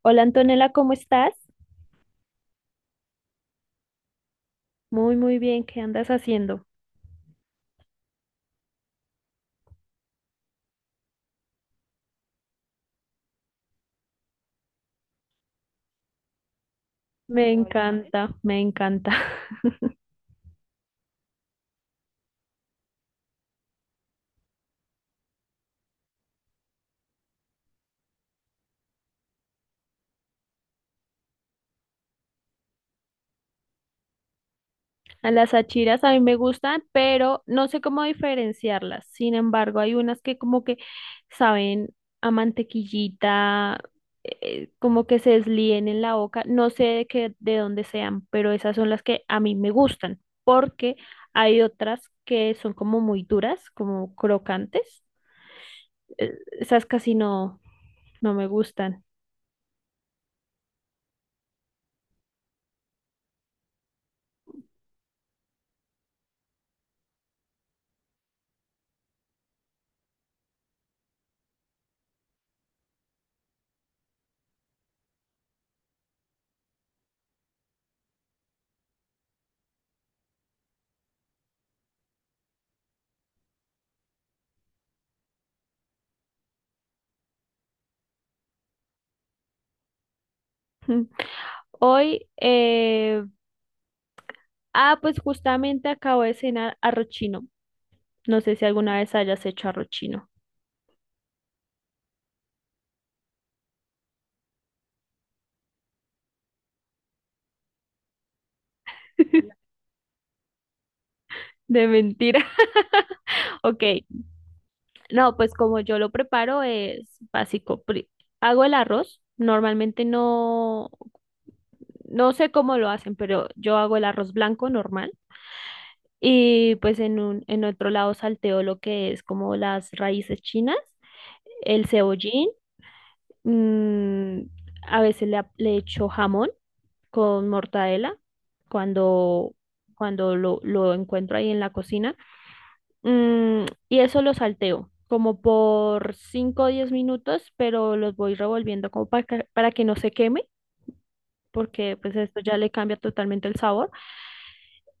Hola Antonella, ¿cómo estás? Muy, muy bien, ¿qué andas haciendo? Me encanta, me encanta. A las achiras a mí me gustan, pero no sé cómo diferenciarlas. Sin embargo, hay unas que como que saben a mantequillita, como que se deslíen en la boca. No sé de qué, de dónde sean, pero esas son las que a mí me gustan, porque hay otras que son como muy duras, como crocantes. Esas casi no me gustan. Ujú. Hoy pues justamente acabo de cenar arroz chino. No sé si alguna vez hayas hecho arroz chino. De mentira. Ok, no, pues como yo lo preparo es básico. Hago el arroz. Normalmente no, no sé cómo lo hacen, pero yo hago el arroz blanco normal. Y pues en otro lado salteo lo que es como las raíces chinas, el cebollín, mm, a veces le echo jamón con mortadela cuando, cuando lo encuentro ahí en la cocina. Mm, y eso lo salteo como por 5 o 10 minutos, pero los voy revolviendo como para que no se queme, porque pues esto ya le cambia totalmente el sabor.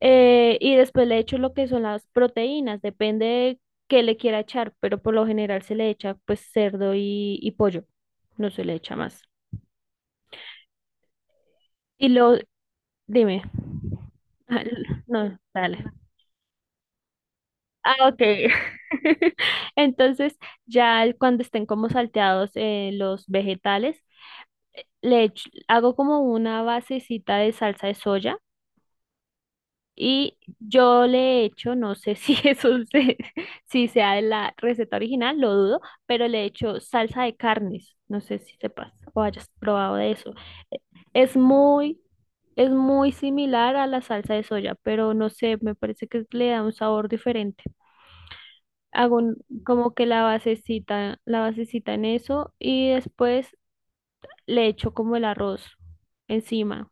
Y después le echo lo que son las proteínas, depende de qué le quiera echar, pero por lo general se le echa pues cerdo y pollo, no se le echa más. Y lo, dime. Ah, no, dale. Ah, ok. Entonces, ya cuando estén como salteados los vegetales, hago como una basecita de salsa de soya. Y yo le he hecho, no sé si si sea de la receta original, lo dudo, pero le he hecho salsa de carnes. No sé si sepas o hayas probado de eso. Eh, Es muy, es muy similar a la salsa de soya, pero no sé, me parece que le da un sabor diferente. Hago un- Como que la basecita en eso y después le echo como el arroz encima.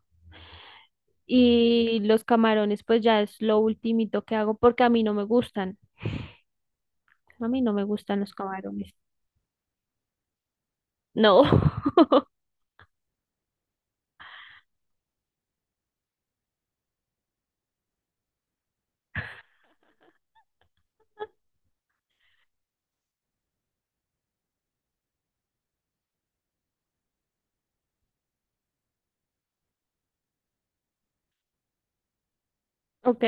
Y los camarones, pues ya es lo ultimito que hago porque a mí no me gustan. A mí no me gustan los camarones. No. Ok,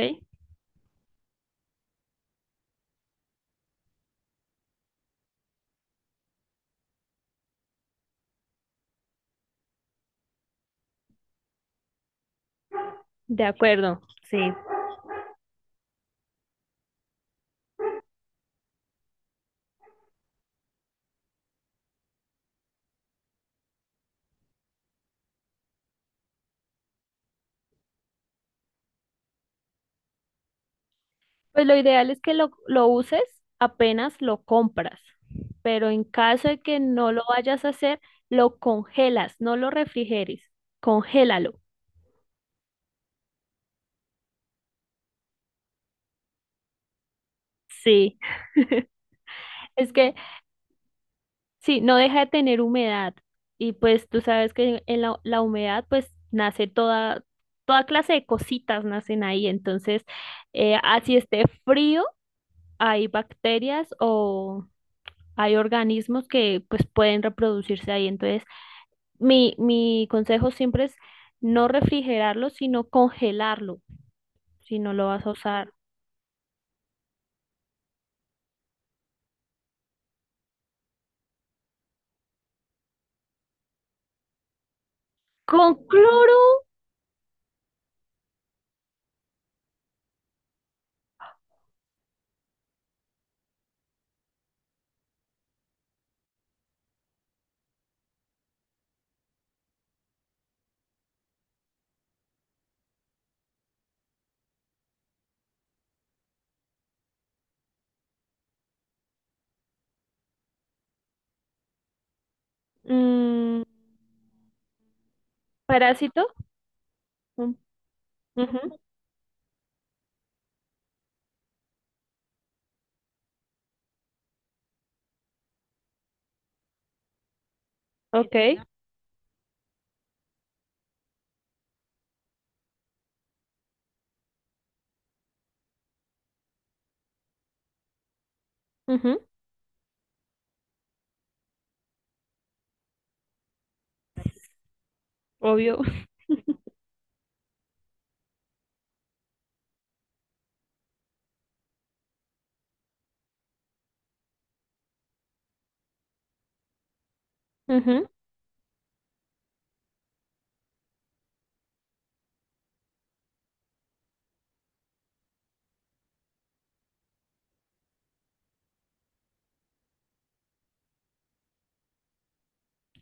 de acuerdo. Sí. Pues lo ideal es que lo uses apenas lo compras, pero en caso de que no lo vayas a hacer, lo congelas, no lo refrigeres, congélalo. Sí. Es que sí, no deja de tener humedad. Y pues tú sabes que la humedad pues nace toda, toda clase de cositas nacen ahí. Entonces, así esté frío, hay bacterias o hay organismos que pues pueden reproducirse ahí. Entonces, mi consejo siempre es no refrigerarlo, sino congelarlo, si no lo vas a usar. Con cloro, mm, parásito. Mm, ujú, ok, ujú, obvio. Ujú.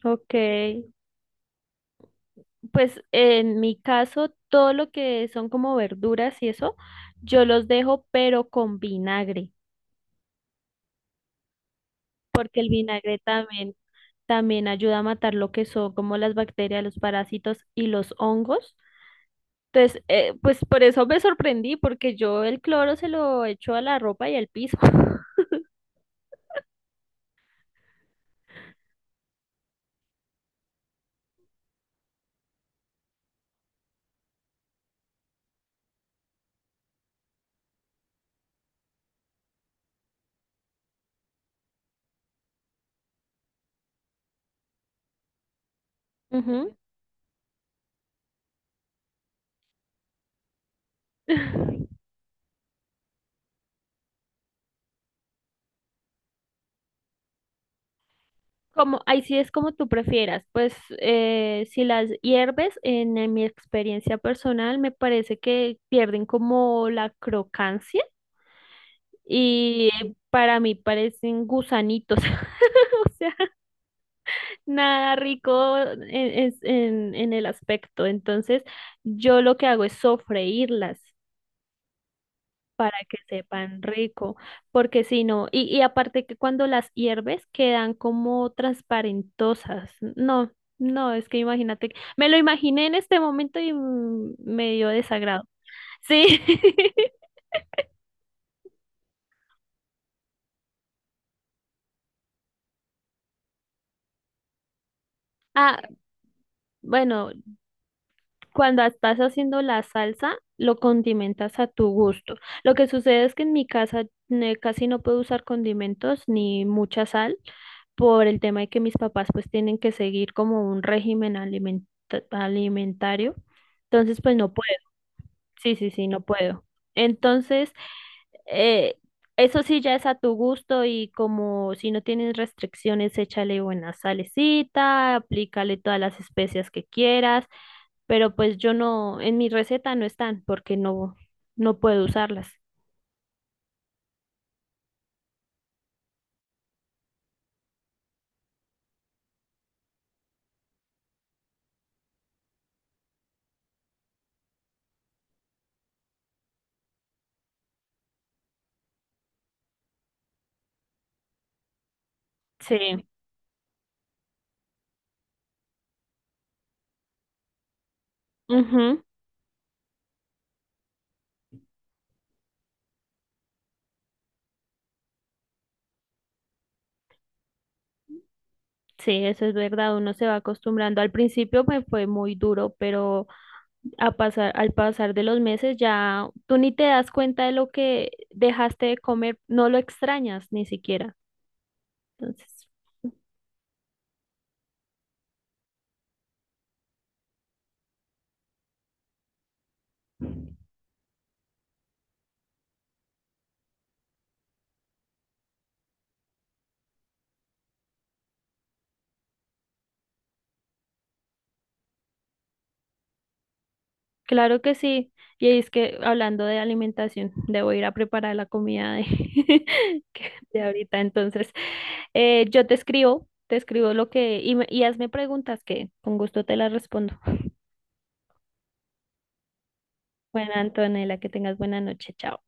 Ok, pues en mi caso todo lo que son como verduras y eso, yo los dejo pero con vinagre, porque el vinagre también, también ayuda a matar lo que son como las bacterias, los parásitos y los hongos. Entonces, pues por eso me sorprendí, porque yo el cloro se lo echo a la ropa y al piso. Ujú. Como, ahí sí es como tú prefieras, pues si las hierves, en mi experiencia personal, me parece que pierden como la crocancia y para mí parecen gusanitos, o sea, nada rico en en el aspecto. Entonces, yo lo que hago es sofreírlas para que sepan rico, porque si no, y aparte que cuando las hierves quedan como transparentosas. No, no, es que imagínate, me lo imaginé en este momento y mm, me dio desagrado. Sí. Ah, bueno, cuando estás haciendo la salsa, lo condimentas a tu gusto. Lo que sucede es que en mi casa casi no puedo usar condimentos ni mucha sal por el tema de que mis papás pues tienen que seguir como un régimen alimentario. Entonces pues no puedo. Sí, sí, sí, no puedo. Entonces, eh, eso sí ya es a tu gusto y como si no tienes restricciones, échale buena salecita, aplícale todas las especias que quieras, pero pues yo no, en mi receta no están porque no, no puedo usarlas. Sí, ujú, sí, eso es verdad, uno se va acostumbrando. Al principio me fue muy duro, pero a pasar, al pasar de los meses ya tú ni te das cuenta de lo que dejaste de comer, no lo extrañas ni siquiera. Entonces, claro que sí. Y es que hablando de alimentación, debo ir a preparar la comida de, de ahorita. Entonces, yo te escribo lo que, y hazme preguntas que con gusto te las respondo. Bueno, Antonella, que tengas buena noche. Chao.